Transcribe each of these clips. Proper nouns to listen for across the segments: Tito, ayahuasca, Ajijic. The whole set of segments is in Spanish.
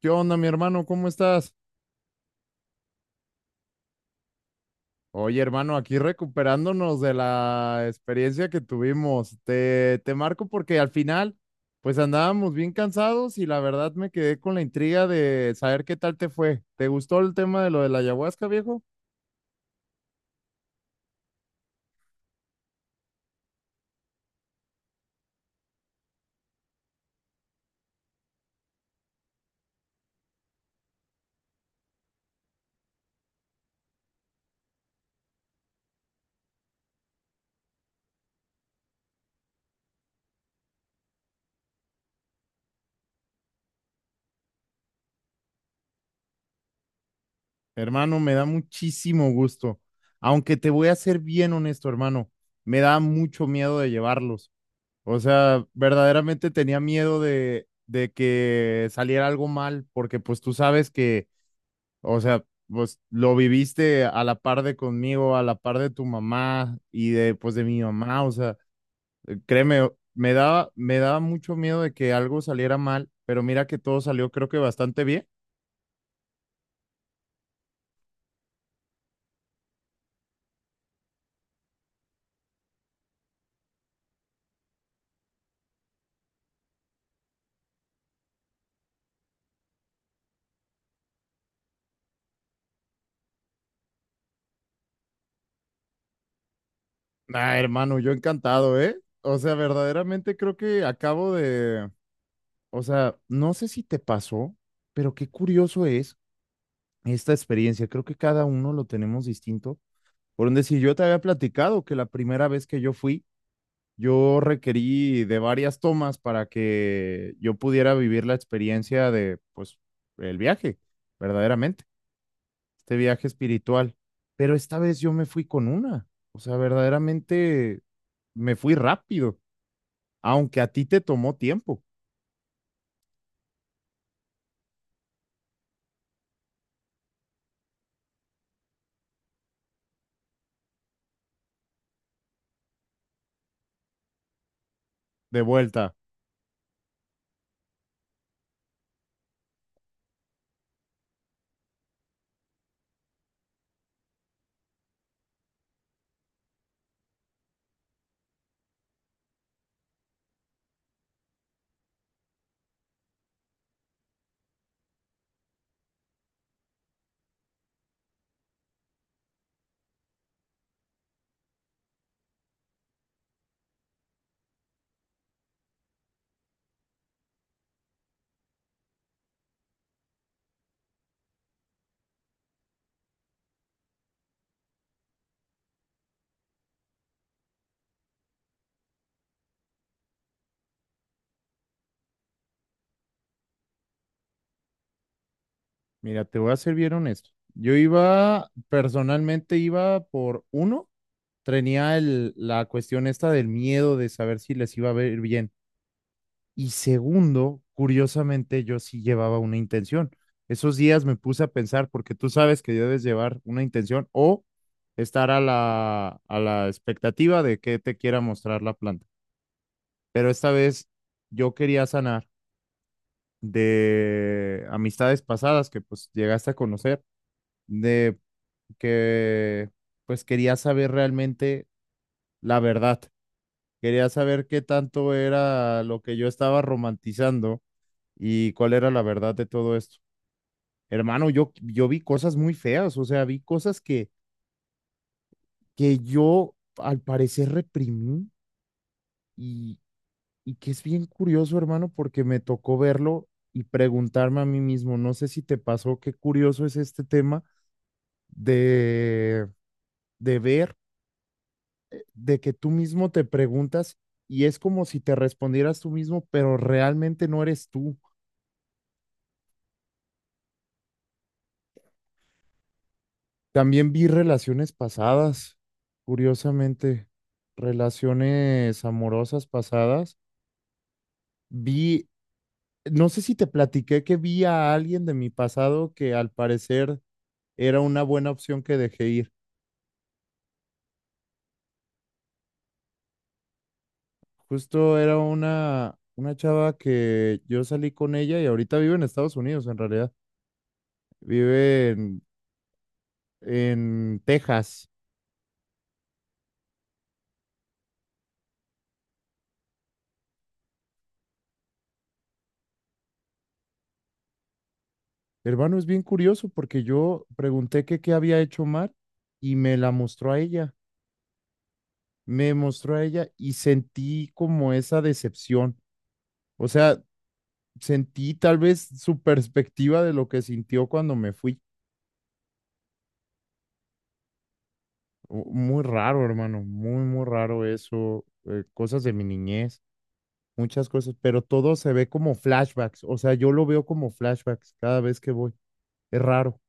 ¿Qué onda, mi hermano? ¿Cómo estás? Oye, hermano, aquí recuperándonos de la experiencia que tuvimos. Te marco porque al final, pues andábamos bien cansados y la verdad me quedé con la intriga de saber qué tal te fue. ¿Te gustó el tema de lo de la ayahuasca, viejo? Hermano, me da muchísimo gusto. Aunque te voy a ser bien honesto, hermano, me da mucho miedo de llevarlos. O sea, verdaderamente tenía miedo de que saliera algo mal, porque pues tú sabes que, o sea, pues lo viviste a la par de conmigo, a la par de tu mamá y de pues de mi mamá, o sea, créeme, me daba mucho miedo de que algo saliera mal, pero mira que todo salió creo que bastante bien. Ah, hermano, yo encantado, ¿eh? O sea, verdaderamente creo que acabo de, o sea, no sé si te pasó, pero qué curioso es esta experiencia. Creo que cada uno lo tenemos distinto. Por donde si yo te había platicado que la primera vez que yo fui, yo requerí de varias tomas para que yo pudiera vivir la experiencia de, pues, el viaje, verdaderamente, este viaje espiritual. Pero esta vez yo me fui con una, o sea, verdaderamente me fui rápido, aunque a ti te tomó tiempo de vuelta. Mira, te voy a ser bien honesto. Yo iba, personalmente iba por uno, tenía la cuestión esta del miedo de saber si les iba a ver bien. Y segundo, curiosamente, yo sí llevaba una intención. Esos días me puse a pensar, porque tú sabes que debes llevar una intención o estar a la expectativa de que te quiera mostrar la planta. Pero esta vez yo quería sanar de amistades pasadas que pues llegaste a conocer, de que pues quería saber realmente la verdad. Quería saber qué tanto era lo que yo estaba romantizando. ¿Y cuál era la verdad de todo esto? Hermano, yo vi cosas muy feas, o sea, vi cosas que yo al parecer reprimí y, y que es bien curioso, hermano, porque me tocó verlo y preguntarme a mí mismo, no sé si te pasó, qué curioso es este tema de, de ver, de que tú mismo te preguntas, y es como si te respondieras tú mismo, pero realmente no eres tú. También vi relaciones pasadas, curiosamente, relaciones amorosas pasadas. Vi, no sé si te platiqué que vi a alguien de mi pasado que al parecer era una buena opción que dejé ir. Justo era una chava que yo salí con ella y ahorita vive en Estados Unidos, en realidad. Vive en Texas. Hermano, es bien curioso porque yo pregunté que qué había hecho mal y me la mostró a ella. Me mostró a ella y sentí como esa decepción. O sea, sentí tal vez su perspectiva de lo que sintió cuando me fui. Muy raro, hermano, muy, muy raro eso. Cosas de mi niñez, muchas cosas, pero todo se ve como flashbacks. O sea, yo lo veo como flashbacks cada vez que voy. Es raro.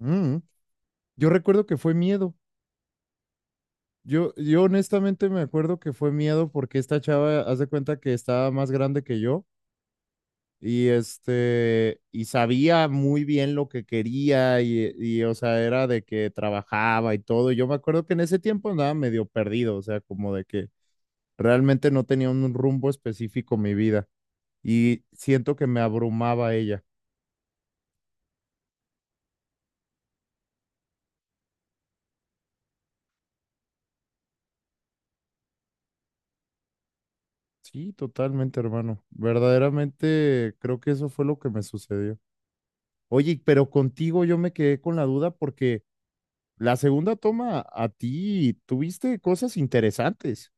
Mm. Yo recuerdo que fue miedo. Yo honestamente me acuerdo que fue miedo porque esta chava, haz de cuenta que estaba más grande que yo. Y este, y sabía muy bien lo que quería y, o sea, era de que trabajaba y todo. Yo me acuerdo que en ese tiempo andaba medio perdido, o sea, como de que realmente no tenía un rumbo específico mi vida, y siento que me abrumaba ella. Sí, totalmente, hermano. Verdaderamente creo que eso fue lo que me sucedió. Oye, pero contigo yo me quedé con la duda porque la segunda toma a ti tuviste cosas interesantes.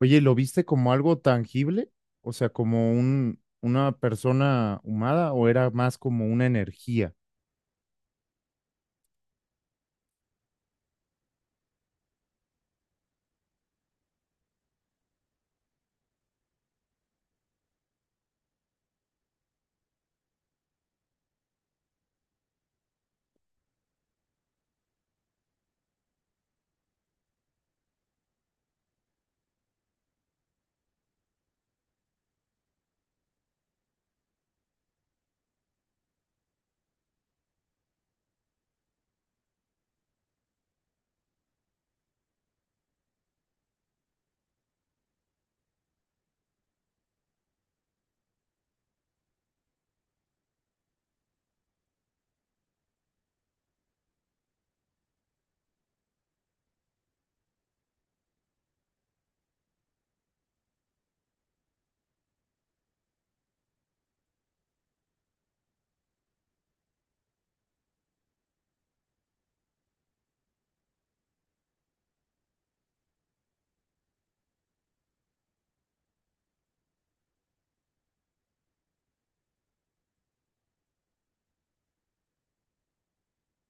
Oye, ¿lo viste como algo tangible? O sea, ¿como un, una persona humada o era más como una energía?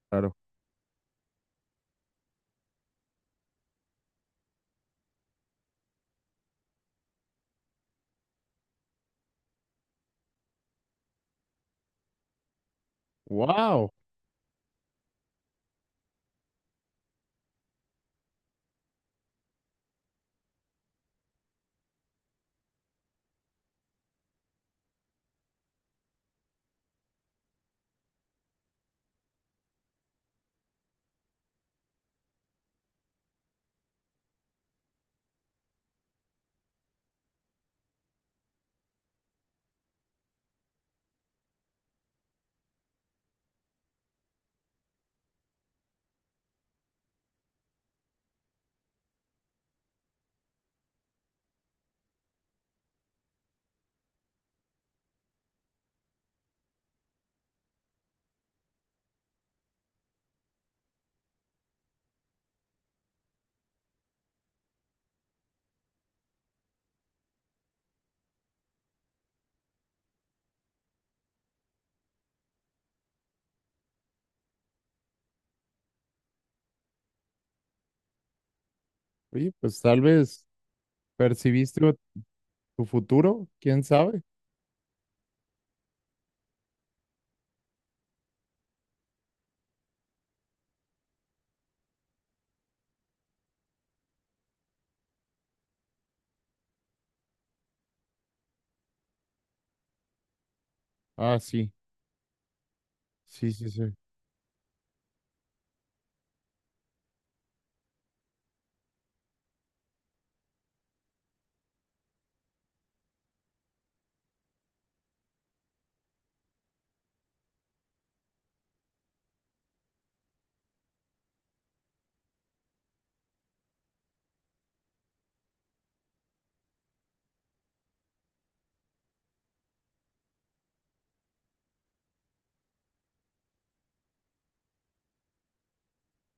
Claro. ¡Wow! Oye, pues tal vez percibiste o- tu futuro, quién sabe. Ah, sí, sí, sí, sí.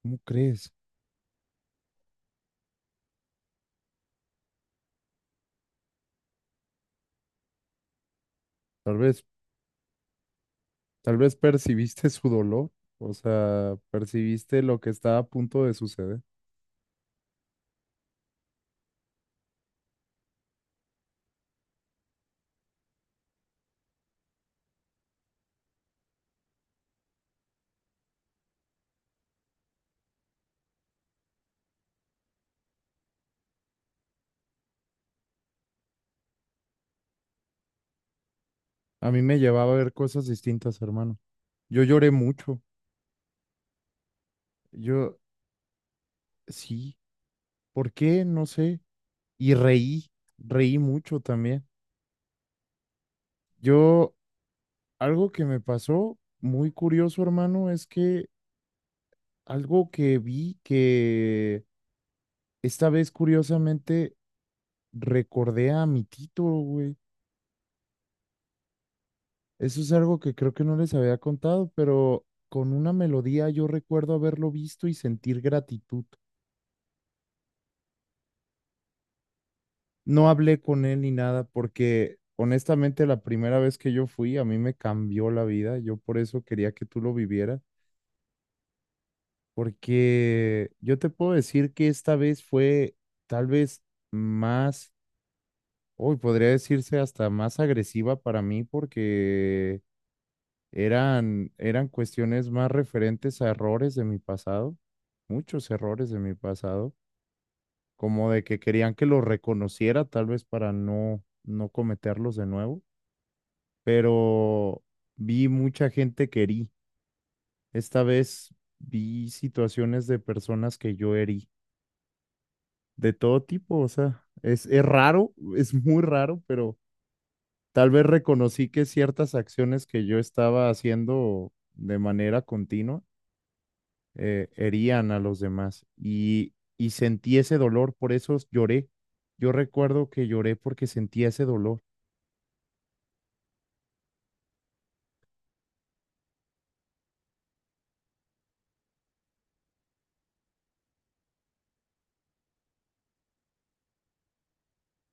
¿Cómo crees? Tal vez, tal vez percibiste su dolor. O sea, percibiste lo que estaba a punto de suceder. A mí me llevaba a ver cosas distintas, hermano. Yo lloré mucho. Yo, sí. ¿Por qué? No sé. Y reí, reí mucho también. Yo, algo que me pasó muy curioso, hermano, es que algo que vi, que esta vez curiosamente recordé a mi Tito, güey. Eso es algo que creo que no les había contado, pero con una melodía yo recuerdo haberlo visto y sentir gratitud. No hablé con él ni nada porque honestamente la primera vez que yo fui a mí me cambió la vida. Yo por eso quería que tú lo vivieras, porque yo te puedo decir que esta vez fue tal vez más, hoy podría decirse hasta más agresiva para mí, porque eran cuestiones más referentes a errores de mi pasado, muchos errores de mi pasado, como de que querían que los reconociera tal vez para no cometerlos de nuevo, pero vi mucha gente que herí. Esta vez vi situaciones de personas que yo herí, de todo tipo, o sea, es raro, es muy raro, pero tal vez reconocí que ciertas acciones que yo estaba haciendo de manera continua herían a los demás y sentí ese dolor, por eso lloré. Yo recuerdo que lloré porque sentí ese dolor,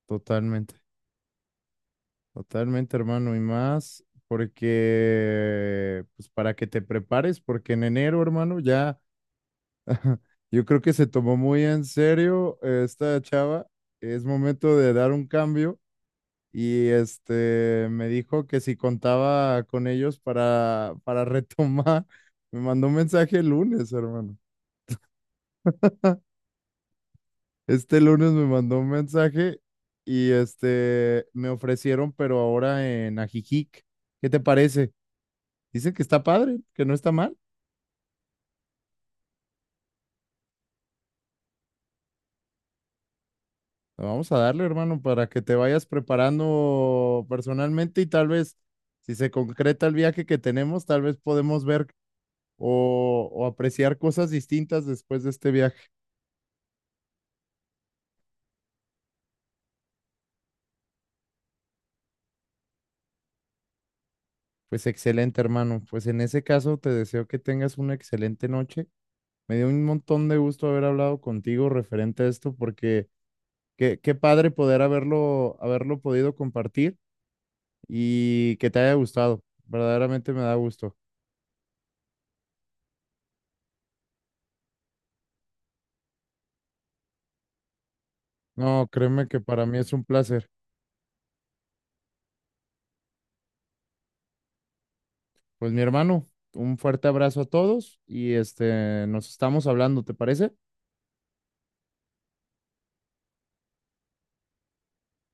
totalmente, totalmente, hermano, y más porque, pues para que te prepares, porque en enero, hermano, ya yo creo que se tomó muy en serio esta chava. Es momento de dar un cambio. Y este me dijo que si contaba con ellos para retomar, me mandó un mensaje el lunes, hermano. Este lunes me mandó un mensaje y este me ofrecieron, pero ahora en Ajijic. ¿Qué te parece? Dicen que está padre, que no está mal. Vamos a darle, hermano, para que te vayas preparando personalmente y tal vez, si se concreta el viaje que tenemos, tal vez podemos ver o apreciar cosas distintas después de este viaje. Pues excelente, hermano. Pues en ese caso, te deseo que tengas una excelente noche. Me dio un montón de gusto haber hablado contigo referente a esto, porque qué, qué padre poder haberlo podido compartir y que te haya gustado. Verdaderamente me da gusto. No, créeme que para mí es un placer. Pues mi hermano, un fuerte abrazo a todos y este, nos estamos hablando, ¿te parece?